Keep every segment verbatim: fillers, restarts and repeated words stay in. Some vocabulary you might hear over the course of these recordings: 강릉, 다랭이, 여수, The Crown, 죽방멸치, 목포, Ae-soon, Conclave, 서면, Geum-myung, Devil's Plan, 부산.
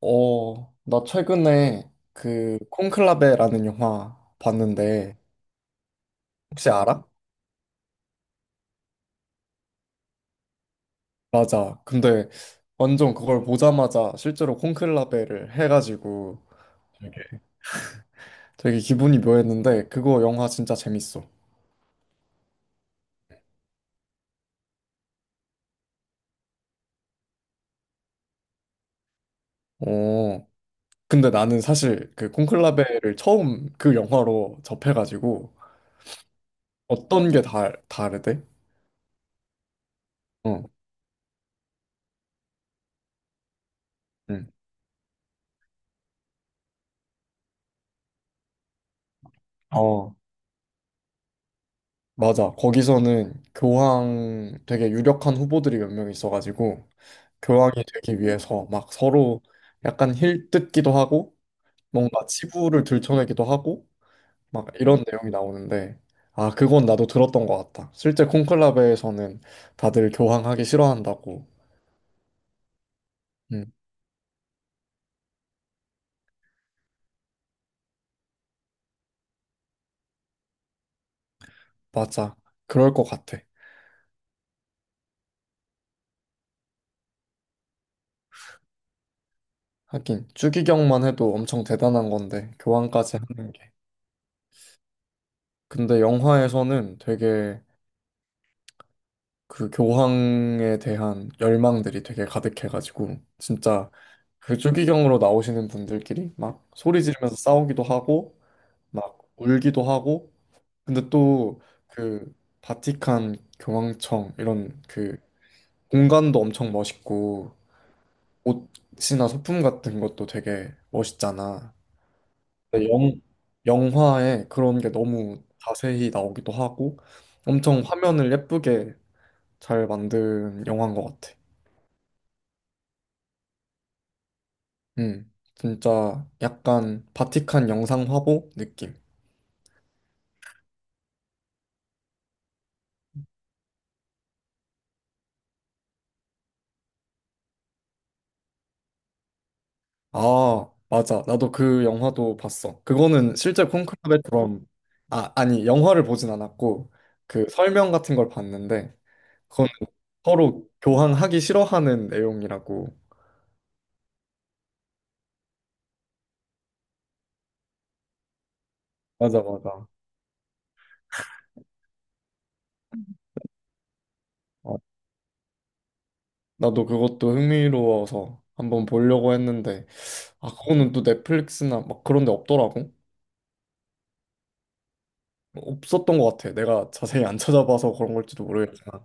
어, 나 최근에 그 콘클라베라는 영화 봤는데 혹시 알아? 맞아. 근데 완전 그걸 보자마자 실제로 콘클라베를 해가지고 되게 되게 기분이 묘했는데 그거 영화 진짜 재밌어. 어, 근데 나는 사실 그 콘클라베를 처음 그 영화로 접해가지고 어떤 게 다, 다르대? 어, 응. 어, 맞아. 거기서는 교황 되게 유력한 후보들이 몇 명 있어가지고 교황이 되기 위해서 막 서로 약간 힐 뜯기도 하고 뭔가 치부를 들춰내기도 하고 막 이런 내용이 나오는데 아, 그건 나도 들었던 것 같다. 실제 콘클라베에서는 다들 교황하기 싫어한다고. 음 맞아. 그럴 것 같아. 하긴 추기경만 해도 엄청 대단한 건데 교황까지 하는 게. 근데 영화에서는 되게 그 교황에 대한 열망들이 되게 가득해가지고 진짜 그 추기경으로 나오시는 분들끼리 막 소리 지르면서 싸우기도 하고 막 울기도 하고 근데 또 그 바티칸 교황청 이런 그 공간도 엄청 멋있고 옷이나 소품 같은 것도 되게 멋있잖아. 근데 영 영화에 그런 게 너무 자세히 나오기도 하고 엄청 화면을 예쁘게 잘 만든 영화인 것 같아. 음, 진짜 약간 바티칸 영상 화보 느낌. 아, 맞아. 나도 그 영화도 봤어. 그거는 실제 콘클라베 드럼, 아, 아니, 영화를 보진 않았고, 그 설명 같은 걸 봤는데, 그건 서로 교황하기 싫어하는 내용이라고. 맞아, 맞아. 어, 나도 그것도 흥미로워서 한번 보려고 했는데, 아, 그거는 또 넷플릭스나 막 그런 데 없더라고. 없었던 것 같아. 내가 자세히 안 찾아봐서 그런 걸지도 모르겠지만,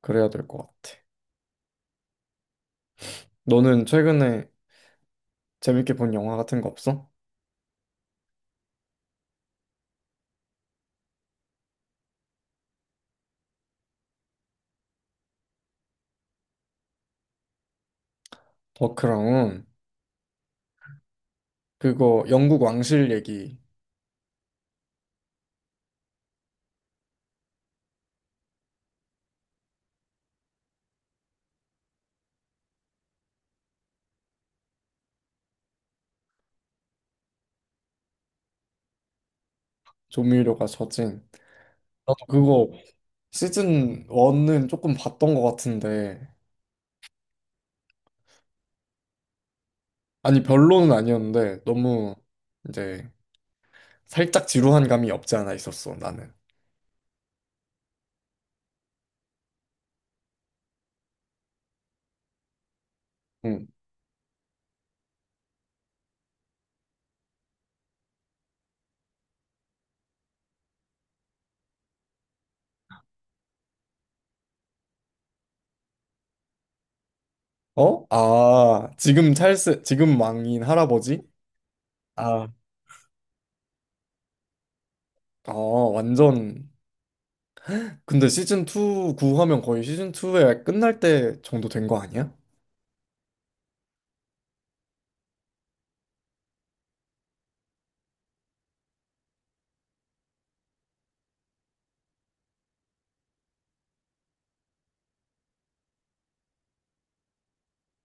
그래야 될 것 같아. 너는 최근에 재밌게 본 영화 같은 거 없어? 더 크라운. 그거 영국 왕실 얘기. 조미료가 젖은. 나도 그거 시즌 일은 조금 봤던 것 같은데 아니 별로는 아니었는데 너무 이제 살짝 지루한 감이 없지 않아 있었어 나는. 응. 어? 아, 지금 찰스 지금 왕인 할아버지? 아, 아 완전. 근데 시즌 이 구하면 거의 시즌 이에 끝날 때 정도 된 거 아니야?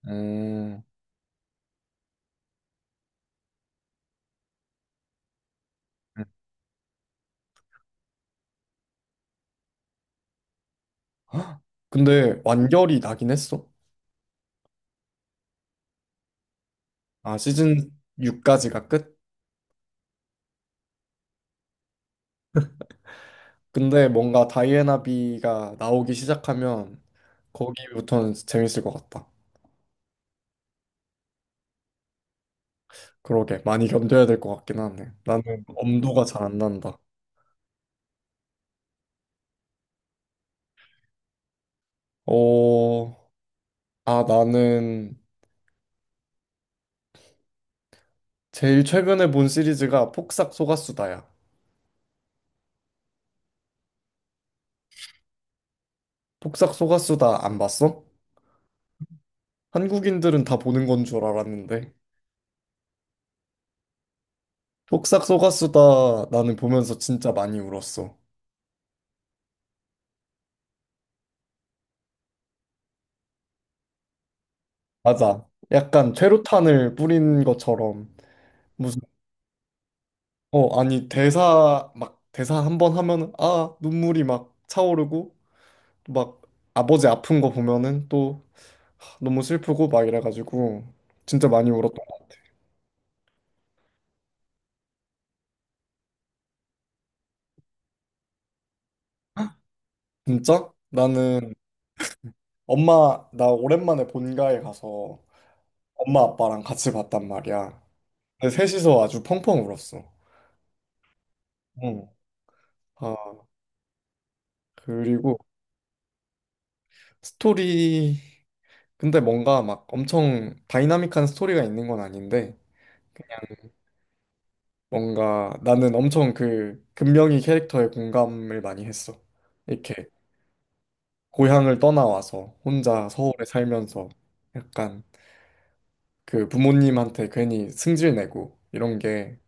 음. 헉, 근데 완결이 나긴 했어. 아, 시즌 육까지가 끝? 근데 뭔가 다이애나비가 나오기 시작하면 거기부터는 재밌을 것 같다. 그러게, 많이 견뎌야 될 것 같긴 하네. 나는 엄두가 잘 안 난다. 어, 아, 나는 제일 최근에 본 시리즈가 폭삭 소가수다야. 폭삭 소가수다 안 봤어? 한국인들은 다 보는 건 줄 알았는데. 폭삭 소가수다 나는 보면서 진짜 많이 울었어. 맞아. 약간 최루탄을 뿌린 것처럼. 무슨 어 아니 대사 막 대사 한 번 하면은 아 눈물이 막 차오르고 막 아버지 아픈 거 보면은 또 하, 너무 슬프고 막 이래가지고 진짜 많이 울었던 것 같아. 진짜? 나는 엄마 나 오랜만에 본가에 가서 엄마 아빠랑 같이 봤단 말이야. 근데 셋이서 아주 펑펑 울었어. 응. 아, 그리고 스토리. 근데 뭔가 막 엄청 다이나믹한 스토리가 있는 건 아닌데 뭔가 나는 엄청 그 금명이 캐릭터에 공감을 많이 했어. 이렇게 고향을 떠나와서 혼자 서울에 살면서 약간 그 부모님한테 괜히 승질내고 이런 게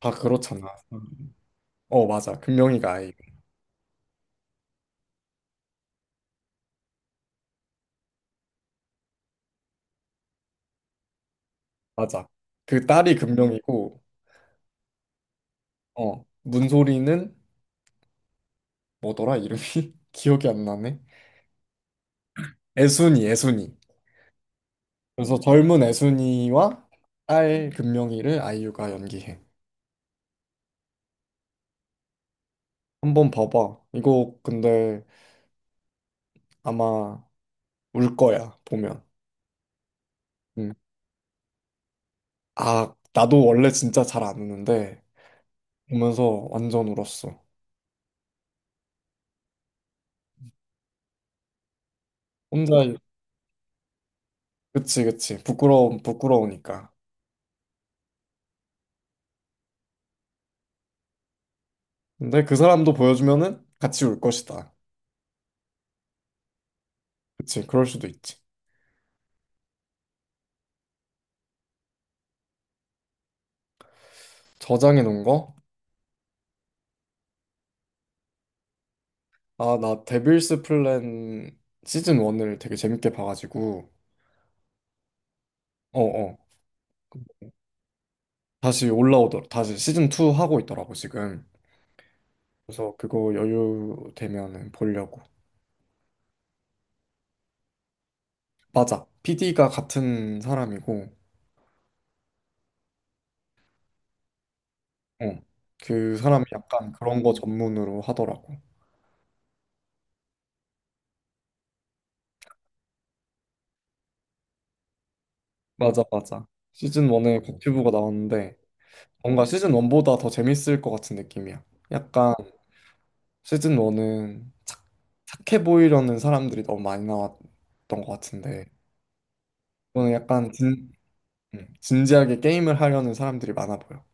다 그렇잖아. 음. 어, 맞아. 금명이가 아이. 맞아. 그 딸이 금명이고 어, 문소리는 뭐더라 이름이? 기억이 안 나네. 애순이, 애순이. 그래서 젊은 애순이와 딸 금명이를 아이유가 연기해. 한번 봐봐. 이거 근데 아마 울 거야, 보면. 응. 아, 나도 원래 진짜 잘 안 우는데 보면서 완전 울었어. 혼자, 그치, 그치. 부끄러움, 부끄러우니까. 근데 그 사람도 보여주면은 같이 울 것이다. 그치, 그럴 수도 있지. 저장해 놓은 거? 아, 나 데빌스 플랜 시즌 일을 되게 재밌게 봐가지고. 어어. 다시 올라오더라. 다시 시즌 이 하고 있더라고, 지금. 그래서 그거 여유 되면은 보려고. 맞아. 피디가 같은 사람이고, 어. 그 사람이 약간 그런 거 전문으로 하더라고. 맞아, 맞아. 시즌 일에 곽튜브가 나왔는데, 뭔가 시즌 일보다 더 재밌을 것 같은 느낌이야. 약간 시즌 일은 착, 착해 보이려는 사람들이 너무 많이 나왔던 것 같은데, 이거는 약간 진, 음, 진지하게 게임을 하려는 사람들이 많아 보여.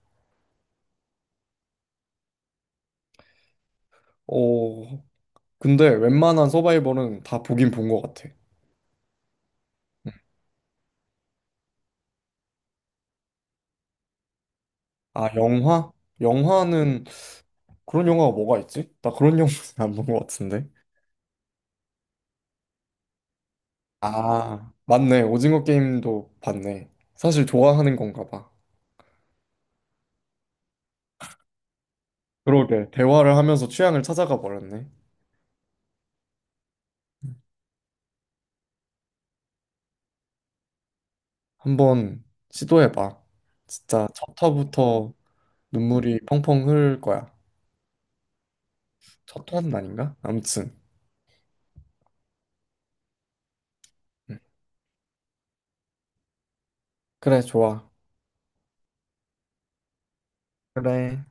오, 근데 웬만한 서바이벌은 다 보긴 본 것 같아. 아, 영화? 영화는 그런 영화가 뭐가 있지? 나 그런 영화는 안 본 것 같은데. 아, 맞네. 오징어 게임도 봤네. 사실 좋아하는 건가 봐. 그러게. 대화를 하면서 취향을 찾아가 버렸네. 한번 시도해봐. 진짜 첫 화부터 눈물이 펑펑 흐를 거야. 첫 화는 아닌가? 아무튼. 응. 그래, 좋아. 그래.